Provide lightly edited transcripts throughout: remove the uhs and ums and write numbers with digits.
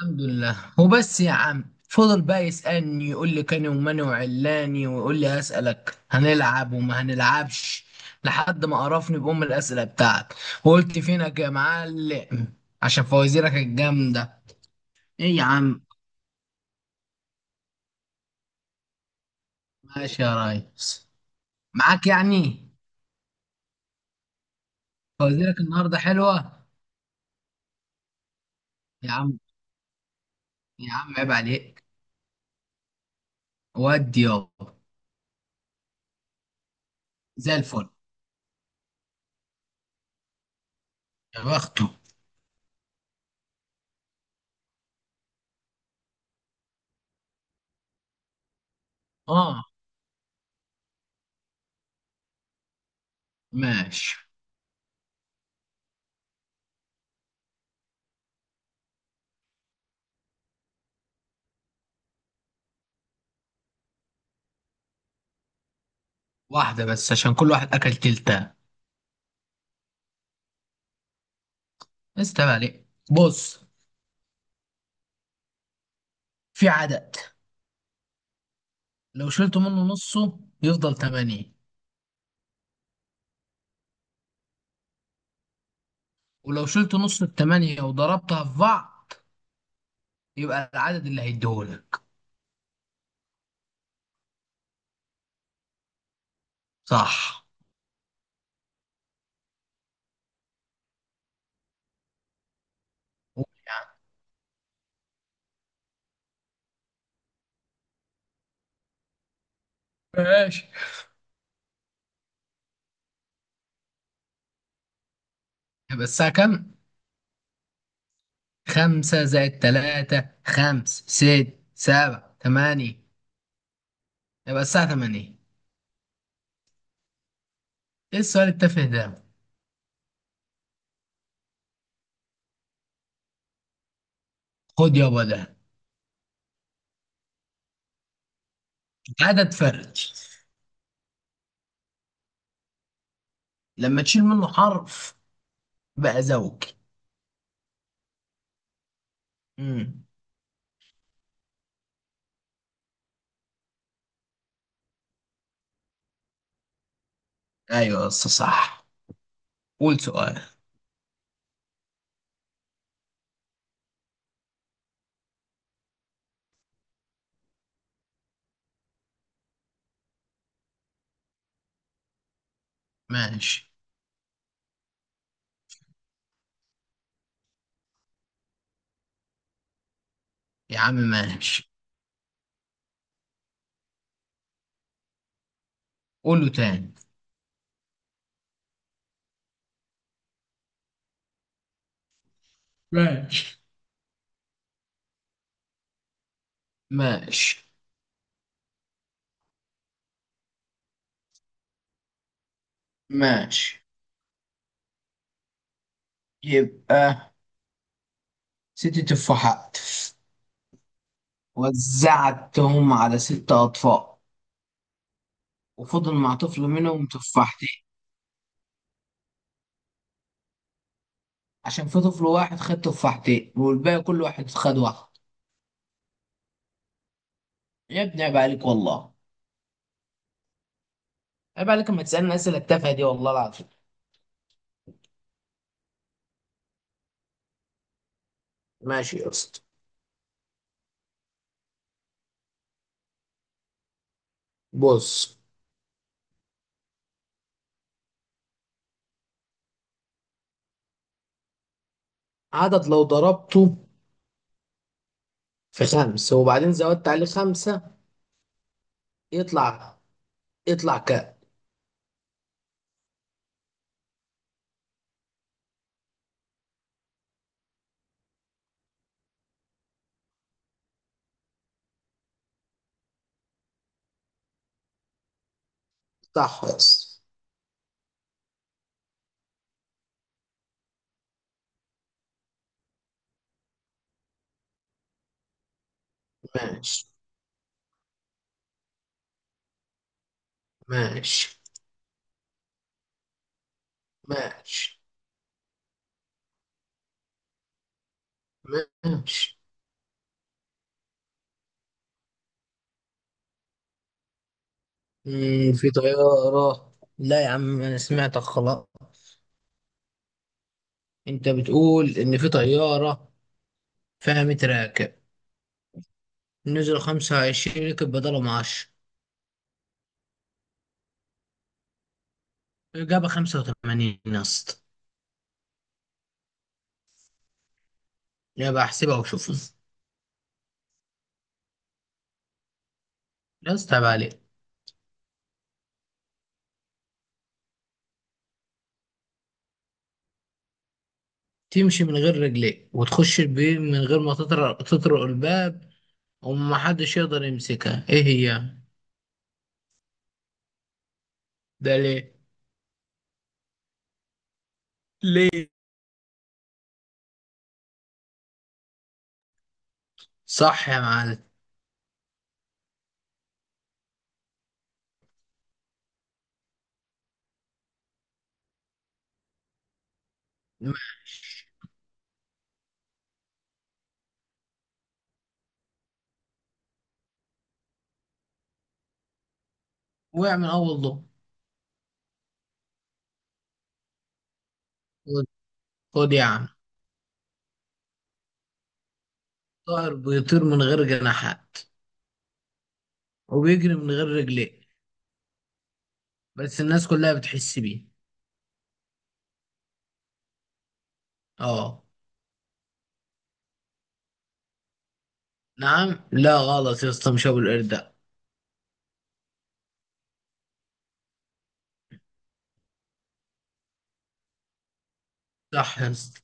الحمد لله، وبس يا عم. فضل بقى يسألني، يقول لي كاني وماني وعلاني، ويقول لي أسألك هنلعب وما هنلعبش، لحد ما قرفني بأم الأسئلة بتاعك. وقلت فينك يا معلم عشان فوازيرك الجامدة. إيه يا عم؟ ماشي يا ريس. معاك يعني. فوازيرك النهاردة حلوة. يا عم، يا عم عيب عليك. ودي يابا. زي الفل. يا بخته. اه. ماشي. واحدة بس، عشان كل واحد أكل تلتة. استنى عليك، بص. في عدد، لو شلت منه نصه يفضل تمانية، ولو شلت نص التمانية وضربتها في بعض يبقى العدد اللي هيديهولك. صح. قول يا عم. ماشي. يبقى الساعة كام؟ خمسة زائد تلاتة، خمس، ست، سبعة، تمانية. يبقى الساعة تمانية. ايه السؤال التافه ده؟ خد يابا ده. عدد فردي، لما تشيل منه حرف بقى زوجي. امم ايوه يا اسطى، صح. قول سؤال. ماشي يا عم. ماشي. قوله تاني. ماشي. ماشي. ماشي. يبقى ست تفاحات، وزعتهم على ست أطفال، وفضل مع طفل منهم تفاحتين. عشان في طفل واحد خد تفاحتين، والباقي كل واحد خد واحد. يا ابني عيب عليك والله. عيب عليك لما تسألني أسئلة التافهة دي، والله العظيم. ماشي يا اسطى. بص. عدد لو ضربته في خمسة، وبعدين زودت عليه خمسة، يطلع يطلع كام؟ يطلع خمس. ماشي. ماشي. ماشي. ماشي. في طيارة، لا يا عم أنا سمعتك خلاص. أنت بتقول إن في طيارة فيها 100 راكب، نزلوا 25، ركب بدلهم 10. إجابة 85 يا اسطى. يبقى أحسبها وشوفها. يا اسطى عيب عليك. تمشي من غير رجليك، وتخش البيت من غير ما تطرق تطرق الباب، ومحدش يقدر يمسكها، إيه هي؟ ده ليه؟ ليه؟ صح يا معلم. وقع من أول ضوء. خد خد يا عم. طائر بيطير من غير جناحات، وبيجري من غير رجلين، بس الناس كلها بتحس بيه. اه. نعم؟ لا، غلط يا اسطى، مش ابو القرد ده. صح يا اسطى.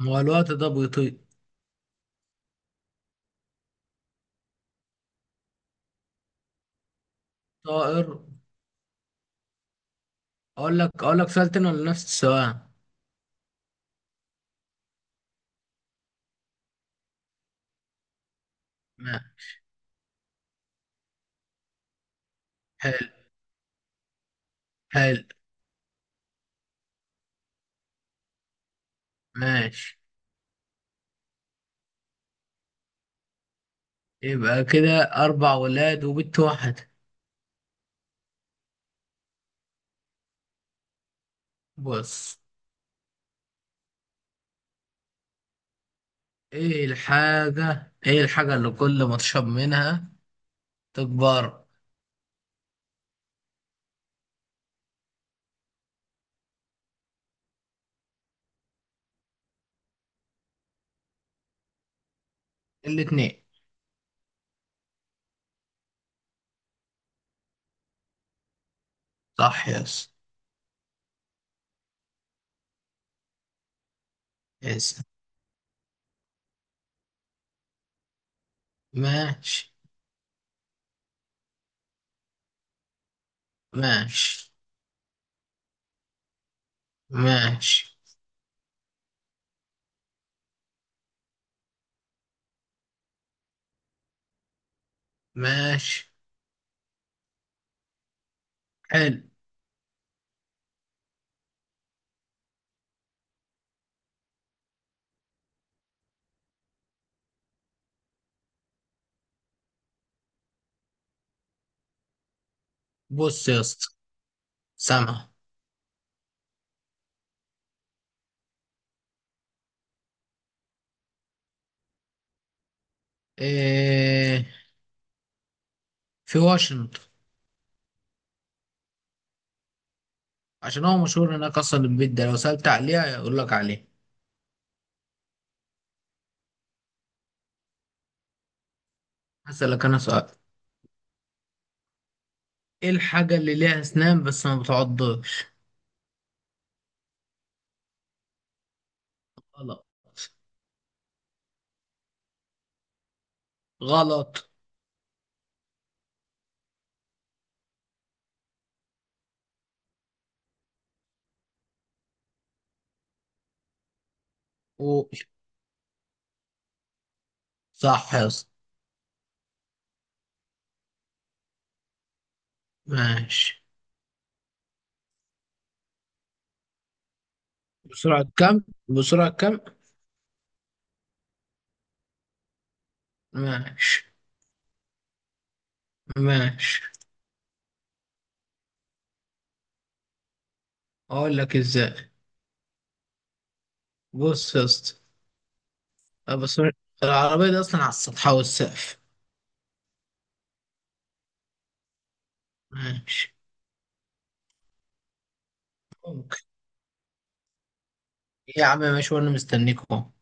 هو الوقت ده بيطير. طائر. اقول لك سؤال تاني ولا نفس السؤال؟ ما حلو. حلو. ماشي. يبقى كده اربع ولاد وبنت واحدة. بص. ايه الحاجة اللي كل ما تشرب منها تكبر؟ الاتنين. صح يا اسطى. يا اسطى. ماشي. ماشي. ماشي. ماشي. حلو. بص يا اسطى. سامع. إيه؟ في واشنطن. عشان هو مشهور هناك اصلا، البيت ده لو سألت عليها يقول لك عليه. هسألك انا سؤال. ايه الحاجة اللي ليها اسنان بس ما بتعضش؟ غلط. غلط. قول. صح يا اسطى. ماشي. بسرعة كم بسرعة كم؟ ماشي. ماشي. اقول لك ازاي. بص يا اسطى. بس. العربية دي اصلا على السطح والسقف. ماشي. ممكن. يا عم ماشي، وانا مستنيكم.